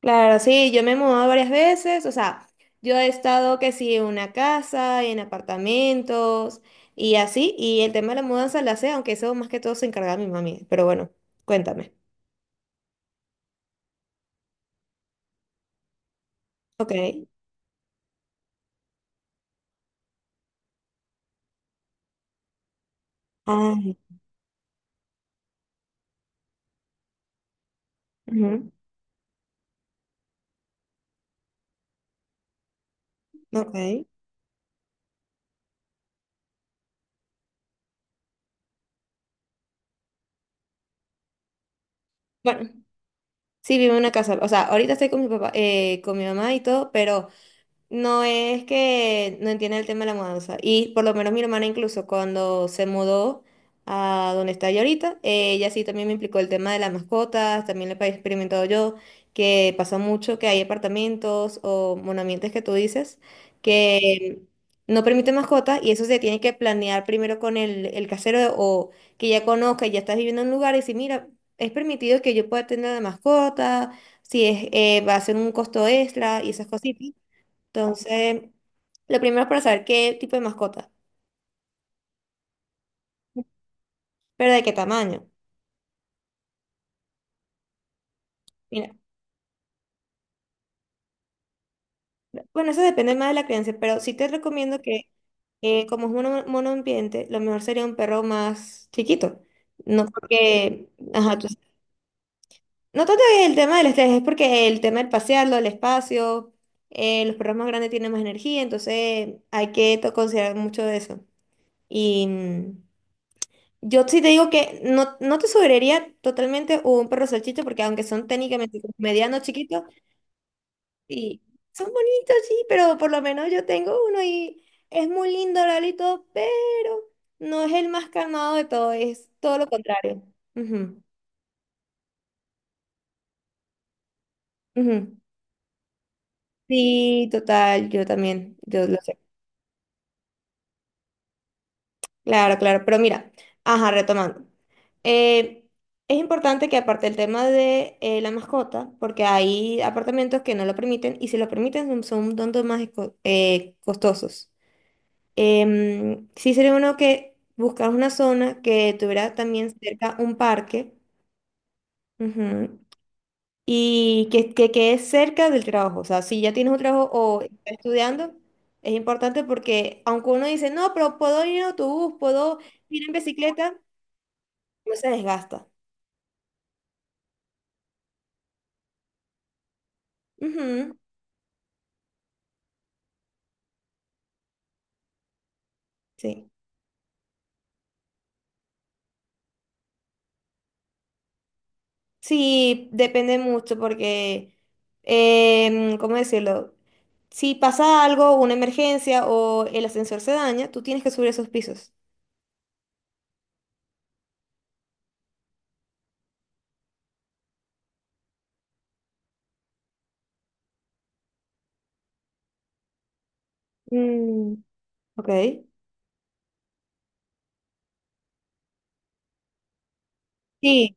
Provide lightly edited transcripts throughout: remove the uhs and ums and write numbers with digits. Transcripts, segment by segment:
Claro, sí, yo me he mudado varias veces, o sea, yo he estado que sí en una casa, en apartamentos y así, y el tema de la mudanza la sé, aunque eso más que todo se encarga mi mami, pero bueno, cuéntame. Ok. Ay, ujú, ok. Bueno, sí, vivo en una casa, o sea, ahorita estoy con mi papá, con mi mamá y todo, pero no es que no entiende el tema de la mudanza. Y por lo menos mi hermana incluso cuando se mudó a donde está ella ahorita, ella sí también me implicó el tema de las mascotas, también lo he experimentado yo, que pasa mucho que hay apartamentos o monamientos que tú dices que no permiten mascotas y eso se tiene que planear primero con el casero o que ya conozca, ya estás viviendo en un lugar y si mira, es permitido que yo pueda tener la mascota, si es, va a ser un costo extra y esas cositas. Entonces, lo primero es para saber qué tipo de mascota, pero de qué tamaño. Mira, bueno, eso depende más de la crianza, pero sí te recomiendo que, como es monoambiente, lo mejor sería un perro más chiquito. No porque, ajá, no tanto es el tema del estrés, es porque el tema del pasearlo, el espacio, los perros más grandes tienen más energía, entonces hay que considerar mucho de eso. Y. mm, Yo sí te digo que no, no te sugeriría totalmente un perro salchicha porque aunque son técnicamente como medianos chiquitos y son bonitos, sí, pero por lo menos yo tengo uno y es muy lindo, Lalito, pero no es el más calmado de todo, es todo lo contrario. Ujú, ujú. Sí, total, yo también, yo lo sé. Claro, claro, pero mira, ajá, retomando. Eh, es importante que aparte el tema de la mascota, porque hay apartamentos que no lo permiten y si lo permiten son un tanto más costosos. Sí sería bueno que buscar una zona que tuviera también cerca un parque. Ujú, y que quede cerca del trabajo. O sea, si ya tienes un trabajo o estás estudiando, es importante porque aunque uno dice, no, pero puedo ir en autobús, puedo ir en bicicleta. No se desgasta. Ujú, sí. Sí, depende mucho porque, ¿cómo decirlo? Si pasa algo, una emergencia o el ascensor se daña, tú tienes que subir esos pisos. Mm, ok. Sí,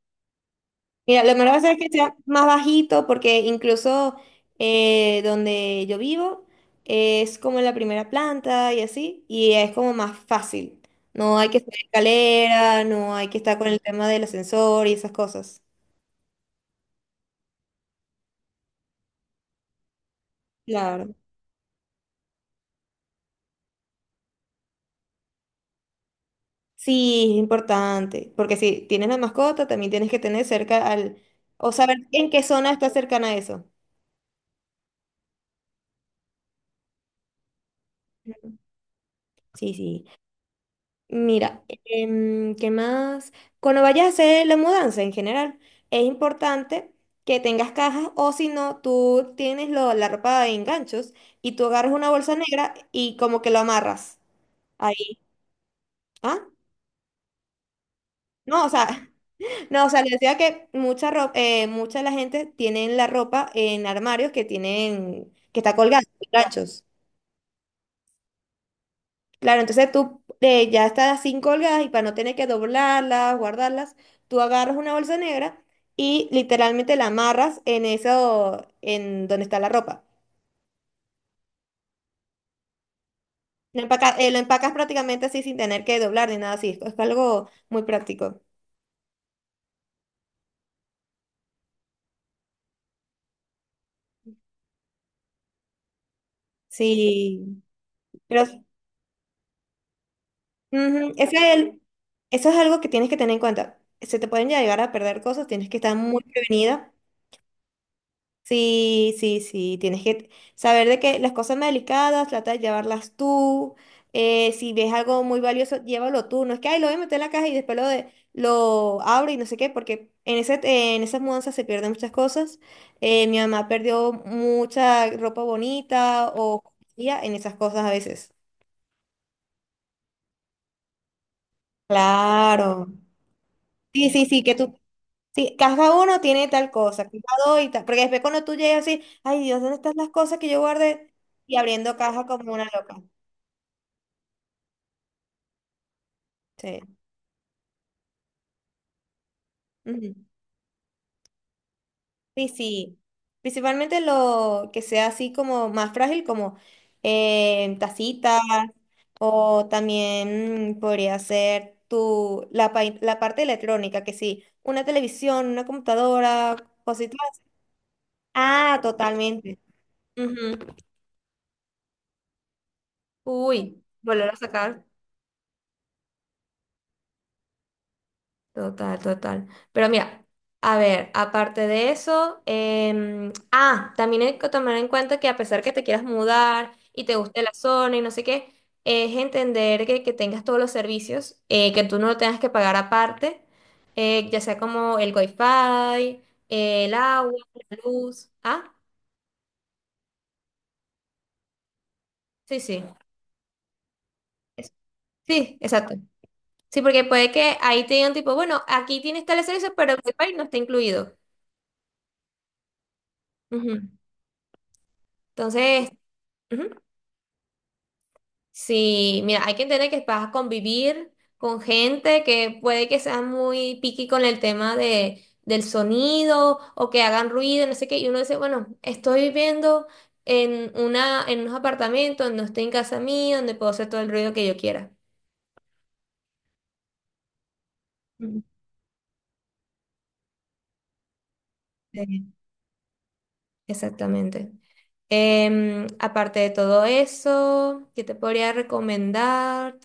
mira, lo mejor va a ser que sea más bajito porque incluso donde yo vivo es como en la primera planta y así, y es como más fácil. No hay que subir escalera, no hay que estar con el tema del ascensor y esas cosas. Claro. Sí, es importante, porque si tienes la mascota, también tienes que tener cerca al, o saber en qué zona está cercana a eso. Ujú. Sí, sí. Mira, ¿qué más? Cuando vayas a hacer la mudanza en general, es importante que tengas cajas o si no, tú tienes la ropa en ganchos y tú agarras una bolsa negra y como que lo amarras ahí. ¿Ah? No, o sea... No, o sea, les decía que mucha ropa, mucha de la gente tienen la ropa en armarios que tienen, que está colgada, en ganchos. Claro, entonces tú ya estás así colgadas y para no tener que doblarlas, guardarlas, tú agarras una bolsa negra y literalmente la amarras en eso, en donde está la ropa. Lo empacas prácticamente así sin tener que doblar ni nada así. Es algo muy práctico. Sí, pero ujú, eso es algo que tienes que tener en cuenta. Se te pueden llegar a perder cosas, tienes que estar muy prevenida. Sí, sí, sí, tienes que saber de que las cosas más delicadas, trata de llevarlas tú. Si ves algo muy valioso, llévalo tú. No es que, ay, lo voy a meter en la caja y después lo, de, lo abro y no sé qué, porque en ese, en esas mudanzas se pierden muchas cosas. Mi mamá perdió mucha ropa bonita o joyería en esas cosas a veces. Claro. Sí, sí, sí, que tú. Sí, cada uno tiene tal cosa, cuidado y tal. Porque después cuando tú llegas así, ay Dios, ¿dónde están las cosas que yo guardé? Y abriendo caja como una loca. Sí. Ujú. Sí, sí. Principalmente lo que sea así como más frágil, como tacitas, o también podría ser la parte electrónica, que sí, una televisión, una computadora, cositas. Así. Ah, totalmente. Ujú. Uy, volver a sacar. Total, total. Pero mira, a ver, aparte de eso, también hay que tomar en cuenta que a pesar que te quieras mudar y te guste la zona y no sé qué, es entender que tengas todos los servicios, que tú no lo tengas que pagar aparte, ya sea como el wifi, el agua, la luz. Ah, sí, sí. Es- Sí, exacto. Sí, porque puede que ahí te digan tipo, bueno, aquí tienes tales servicios, pero el wifi no está incluido. Ujú. Entonces. Ujú. Sí, mira, hay que entender que vas a convivir con gente que puede que sea muy picky con el tema de, del sonido o que hagan ruido, no sé qué. Y uno dice, bueno, estoy viviendo en una, en unos apartamentos, no estoy en casa mía, donde puedo hacer todo el ruido que yo quiera. Ujú. Sí. Exactamente. Aparte de todo eso, ¿qué te podría recomendar?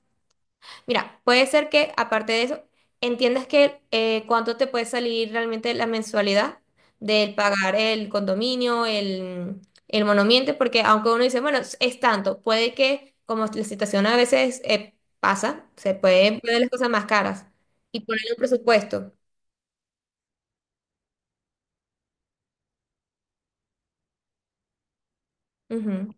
Mira, puede ser que aparte de eso, entiendas que cuánto te puede salir realmente la mensualidad del pagar el condominio, el monoambiente, porque aunque uno dice, bueno, es tanto, puede que como la situación a veces pasa, se pueden poner las cosas más caras y poner un presupuesto. Ujú.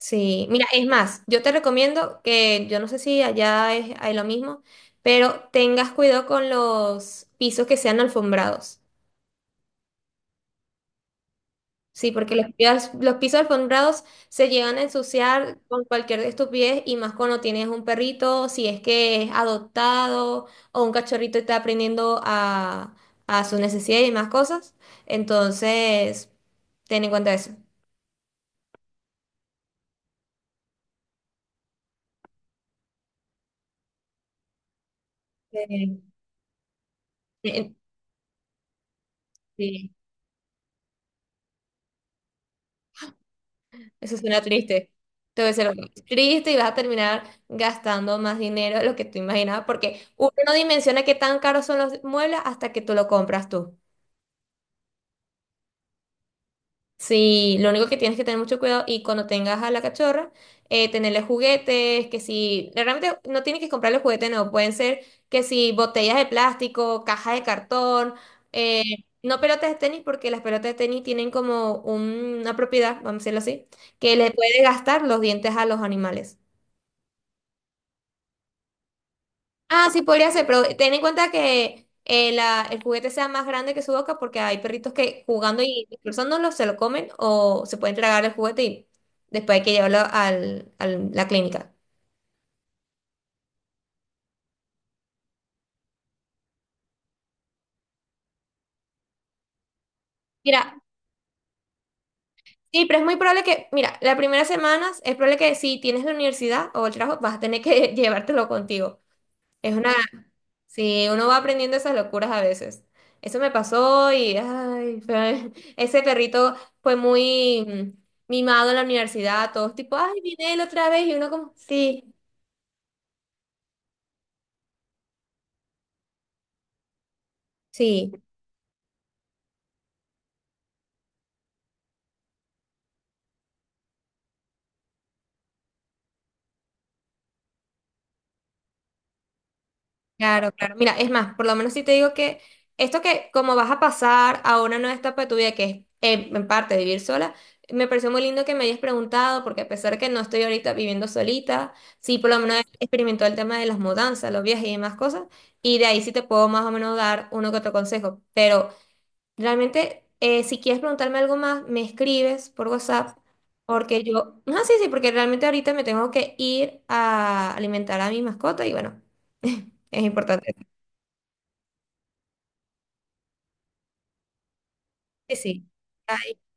Sí, mira, es más, yo te recomiendo que, yo no sé si allá es, hay lo mismo, pero tengas cuidado con los pisos que sean alfombrados. Sí, porque los pisos alfombrados se llegan a ensuciar con cualquier estupidez y más cuando tienes un perrito, si es que es adoptado o un cachorrito está aprendiendo a sus necesidades y más cosas. Entonces, ten en cuenta eso. Sí. Eh, sí, eso suena triste. Entonces, es triste y vas a terminar gastando más dinero de lo que tú imaginabas, porque uno no dimensiona qué tan caros son los muebles hasta que tú lo compras tú. Sí, lo único que tienes que tener mucho cuidado y cuando tengas a la cachorra, tenerle juguetes, que si, realmente no tienes que comprarle juguetes, no, pueden ser que si botellas de plástico, cajas de cartón, eh, no pelotas de tenis, porque las pelotas de tenis tienen como una propiedad, vamos a decirlo así, que le puede gastar los dientes a los animales. Ah, sí, podría ser, pero ten en cuenta que el juguete sea más grande que su boca porque hay perritos que jugando y destrozándolo se lo comen o se pueden tragar el juguete y después hay que llevarlo al, a la clínica. Mira, sí, pero es muy probable que, mira, las primeras semanas es probable que si tienes la universidad o el trabajo vas a tener que llevártelo contigo. Es una. Sí, uno va aprendiendo esas locuras a veces. Eso me pasó y ay, ese perrito fue muy mimado en la universidad, todos tipo, ay, viene él otra vez y uno como, sí, sí. Claro, claro. Mira, es más, por lo menos si te digo que esto que como vas a pasar a una nueva etapa de tu vida, que es en parte vivir sola, me pareció muy lindo que me hayas preguntado, porque a pesar que no estoy ahorita viviendo solita, sí por lo menos experimentó el tema de las mudanzas, los viajes y demás cosas, y de ahí sí te puedo más o menos dar uno que otro consejo. Pero realmente, si quieres preguntarme algo más, me escribes por WhatsApp. Porque yo, no, sí, sí, porque realmente ahorita me tengo que ir a alimentar a mi mascota y bueno, es importante. Sí, sí. Ahí